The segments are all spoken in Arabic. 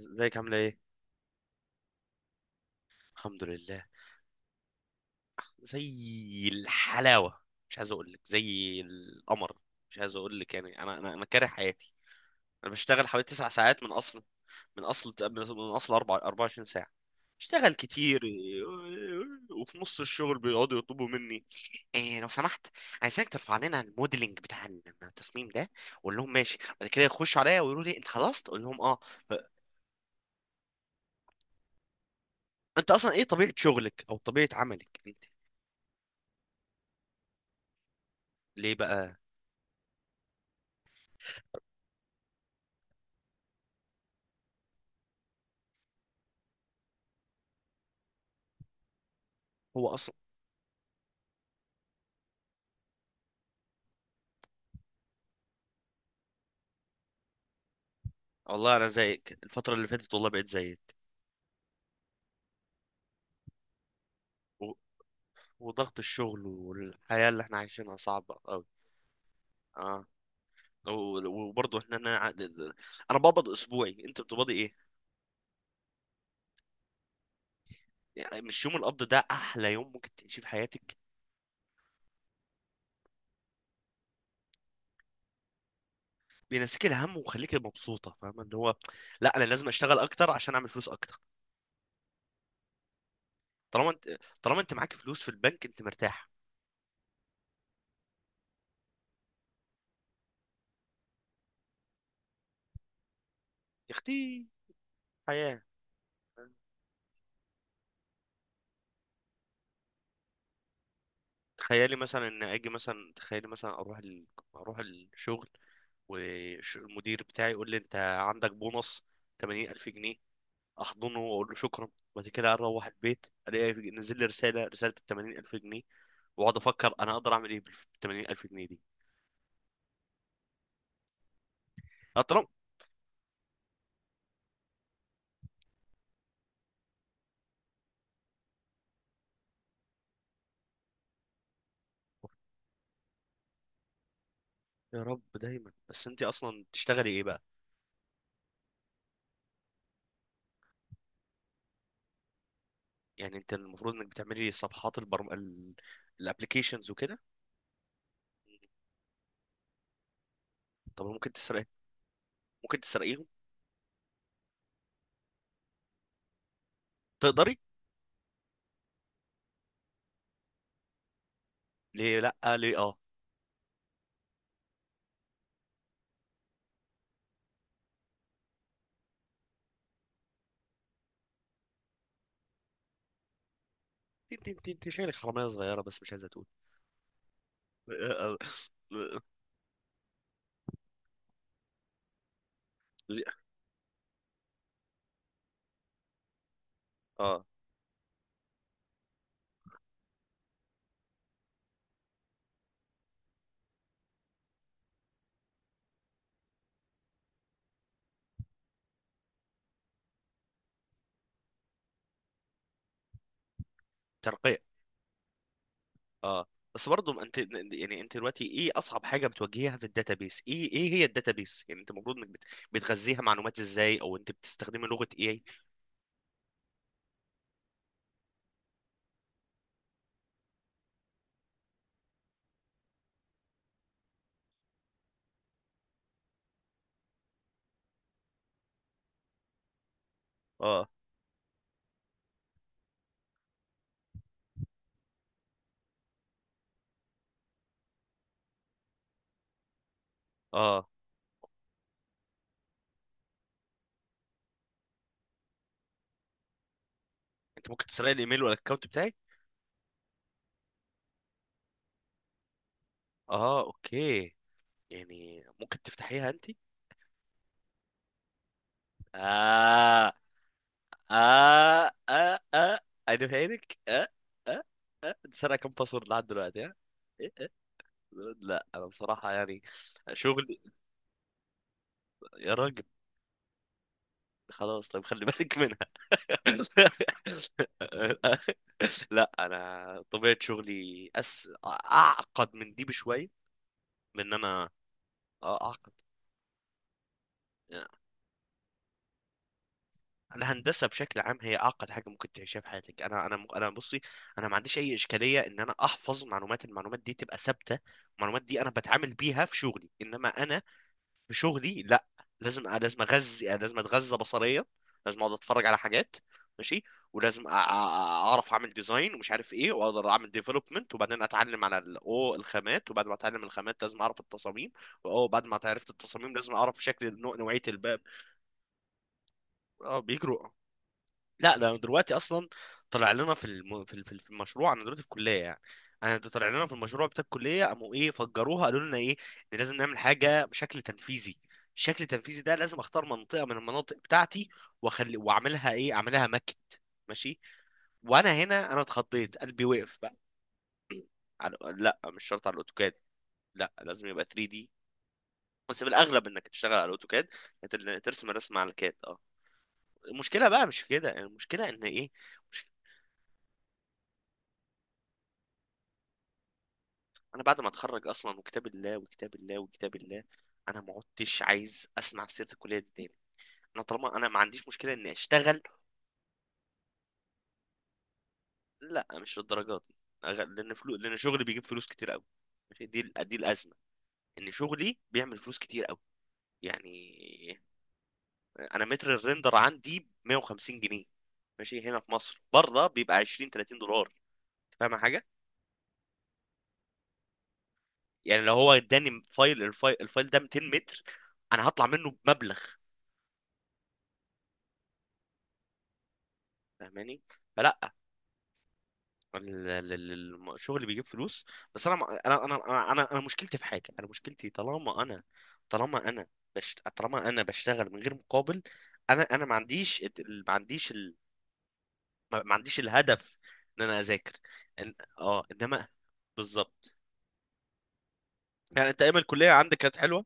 ازيك؟ عامله ايه؟ الحمد لله. زي الحلاوه. مش عايز اقول لك زي القمر. مش عايز اقول لك، يعني انا كاره حياتي. انا بشتغل حوالي تسع ساعات من اصل من اصل من 4 24 ساعه. اشتغل كتير. وفي نص الشغل بيقعدوا يطلبوا مني، إيه لو سمحت، عايزك ترفع لنا الموديلنج بتاع التصميم ده. واقول لهم ماشي. بعد كده يخشوا عليا ويقولوا لي انت خلصت، اقول لهم اه. ف- انت اصلا ايه طبيعه شغلك او طبيعه عملك انت؟ ليه بقى؟ هو، والله انا زيك الفتره اللي فاتت، والله بقيت زيك. و... وضغط الشغل والحياه اللي احنا عايشينها صعبه قوي. اه. وبرضه احنا، انا بقبض اسبوعي، انت بتقبضي ايه؟ يعني مش يوم القبض ده احلى يوم ممكن تعيشيه في حياتك؟ بينسيك الهم ويخليك مبسوطه، فاهمه اللي هو. لا، انا لازم اشتغل اكتر عشان اعمل فلوس اكتر. طالما انت معاك فلوس في البنك انت مرتاح. يا اختي، حياه. تخيلي مثلا ان اجي، مثلا تخيلي مثلا اروح اروح الشغل، والمدير بتاعي يقول لي انت عندك بونص 80 الف جنيه. احضنه واقول له شكرا. وبعد كده اروح البيت، الاقي نزل لي رساله، ال 80 الف جنيه. واقعد افكر انا اقدر اعمل ايه بال 80 الف جنيه دي. اطلع. يا رب دايما. بس انت اصلا بتشتغلي ايه بقى؟ يعني انت المفروض انك بتعملي صفحات الابليكيشنز وكده؟ طب ممكن تسرقي؟ ممكن تسرقيهم؟ تقدري. ليه لا؟ ليه اه؟ انت شايلك حرامية صغيرة بس مش عايزة تقول. اه. ترقيع. اه. بس برضه انت، يعني انت دلوقتي ايه اصعب حاجه بتواجهها في الداتابيس؟ ايه ايه هي الداتابيس؟ يعني انت المفروض انك بتغذيها معلومات ازاي؟ او انت بتستخدمي لغه ايه؟ اه. اه. انت ممكن تسرقي الايميل والاكونت بتاعي؟ اه، اوكي. يعني ممكن تفتحيها انت؟ اه اه اه، انا فاهمك. اه اه. اه، انت سرقه كام باسورد لحد دلوقتي؟ ها؟ لا، انا بصراحه يعني، شغلي. يا راجل. خلاص، طيب، خلي بالك منها. لا، انا طبيعه شغلي اعقد من دي بشويه. من ان انا، آه، اعقد. الهندسه بشكل عام هي اعقد حاجه ممكن تعيشها في حياتك. انا بصي، انا ما عنديش اي اشكاليه ان انا احفظ معلومات. المعلومات دي تبقى ثابته. المعلومات دي انا بتعامل بيها في شغلي. انما انا بشغلي لا. لازم اغذي، لازم اتغذى بصريا. لازم اقعد اتفرج على حاجات. ماشي. ولازم اعرف اعمل ديزاين ومش عارف ايه، واقدر اعمل ديفلوبمنت، وبعدين اتعلم على الخامات، وبعد ما اتعلم الخامات لازم اعرف التصاميم. وبعد ما عرفت التصاميم لازم اعرف شكل نوعية الباب. اه، بيجروا. لا ده دلوقتي اصلا طلع لنا في المشروع. انا دلوقتي في الكليه يعني. انا ده طلع لنا في المشروع بتاع الكليه، قاموا ايه، فجروها، قالوا لنا ايه، ان لازم نعمل حاجه بشكل تنفيذي. الشكل التنفيذي ده لازم اختار منطقه من المناطق بتاعتي، واعملها ايه، اعملها ماكت. ماشي. وانا هنا انا اتخضيت، قلبي وقف بقى. لا، مش شرط على الاوتوكاد. لا، لازم يبقى 3 دي. بس في الاغلب انك تشتغل على الاوتوكاد. ترسم الرسمه على الكاد. اه. المشكله بقى مش في كده. المشكله ان ايه، انا بعد ما اتخرج اصلا، وكتاب الله انا ما عدتش عايز اسمع سيره الكليه دي تاني. انا طالما انا ما عنديش مشكله اني اشتغل. لا، مش للدرجه دي. لان شغلي بيجيب فلوس كتير قوي. ماشي. دي الازمه، ان شغلي بيعمل فلوس كتير قوي. يعني انا متر الريندر عندي ب 150 جنيه، ماشي، هنا في مصر. بره بيبقى 20 30 دولار. فاهم حاجه؟ يعني لو هو اداني فايل، الفايل ده 200 متر، انا هطلع منه بمبلغ. فاهماني؟ فلا، الشغل اللي بيجيب فلوس، بس انا أنا مشكلتي في حاجه. انا مشكلتي، طالما انا طالما انا بشتغل من غير مقابل، انا ما عنديش ما عنديش ما عنديش الهدف ان انا اذاكر. إن... اه، انما، بالظبط. يعني انت ايام الكليه عندك كانت حلوه.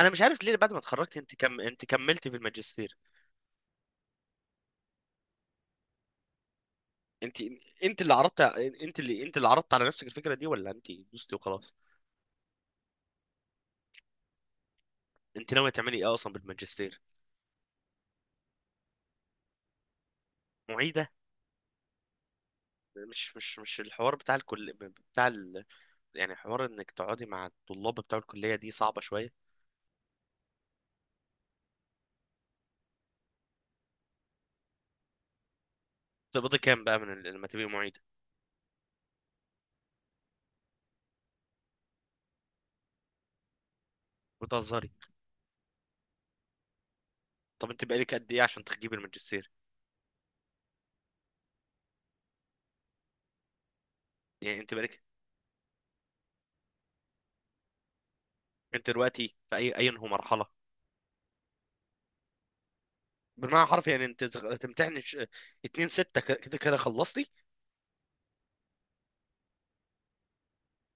انا مش عارف ليه بعد ما اتخرجت. انت انت كملتي في الماجستير؟ انت انت اللي عرضت على نفسك الفكره دي، ولا انت دوستي وخلاص؟ انت ناويه تعملي ايه اصلا بالماجستير؟ معيده. مش الحوار بتاع الكل، بتاع ال... يعني حوار انك تقعدي مع الطلاب بتاع الكليه دي صعبه شويه. تقبضي كام بقى لما تبقي معيده؟ بتهزري. طب انت بقالك قد ايه عشان تجيبي الماجستير؟ يعني انت بقالك، انت دلوقتي في اي اينه مرحله؟ بالمعنى الحرفي يعني انت 2 6 كده كده خلصتي.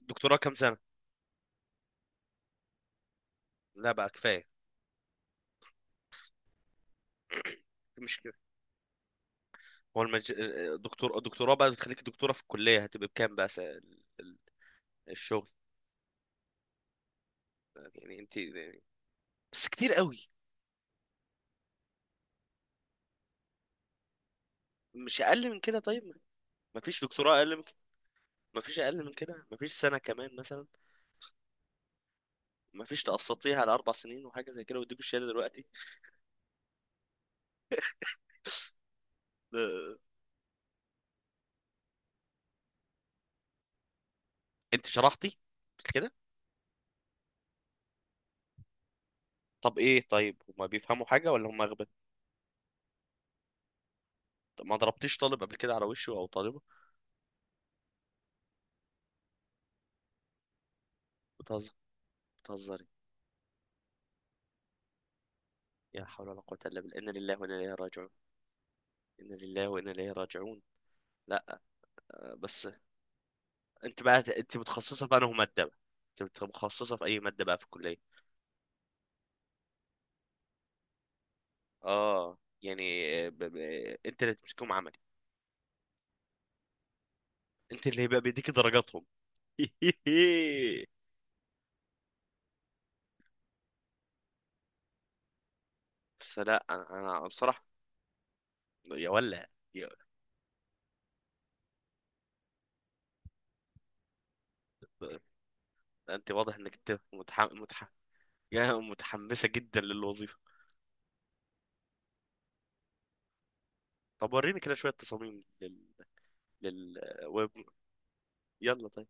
دكتوراه كام سنه؟ لا بقى كفايه. مش كده. هو المج... دكتور الدكتوراه بقى بتخليك دكتوره في الكليه، هتبقى بكام بقى؟ الشغل. يعني انت يعني، بس كتير قوي. مش اقل من كده طيب؟ مفيش دكتوراه اقل من كده؟ مفيش اقل من كده؟ مفيش سنه كمان مثلا؟ مفيش تقسطيها على اربع سنين وحاجه زي كده ويديكوا الشهاده دلوقتي؟ لا. انت شرحتي، قلت كده. طب ايه طيب، هما بيفهموا حاجه ولا هما اغبياء؟ طب ما ضربتيش طالب قبل كده على وشه او طالبه؟ بتهزر بتهزري. يا حول ولا قوه الا بالله، انا لله وانا اليه راجعون. انا لله وانا اليه راجعون. لا. آه، بس. انت بقى انت متخصصه في انه ماده بقى؟ انت متخصصه في اي ماده بقى في الكليه؟ اه، يعني، آه، انت اللي تمسكهم عملي؟ انت اللي هيبقى بيديك درجاتهم. بس لا انا، انا بصراحه. يا ولا. يا، انت واضح انك انت يا متحمسه جدا للوظيفه. طب وريني كده شويه تصاميم للويب. يلا طيب.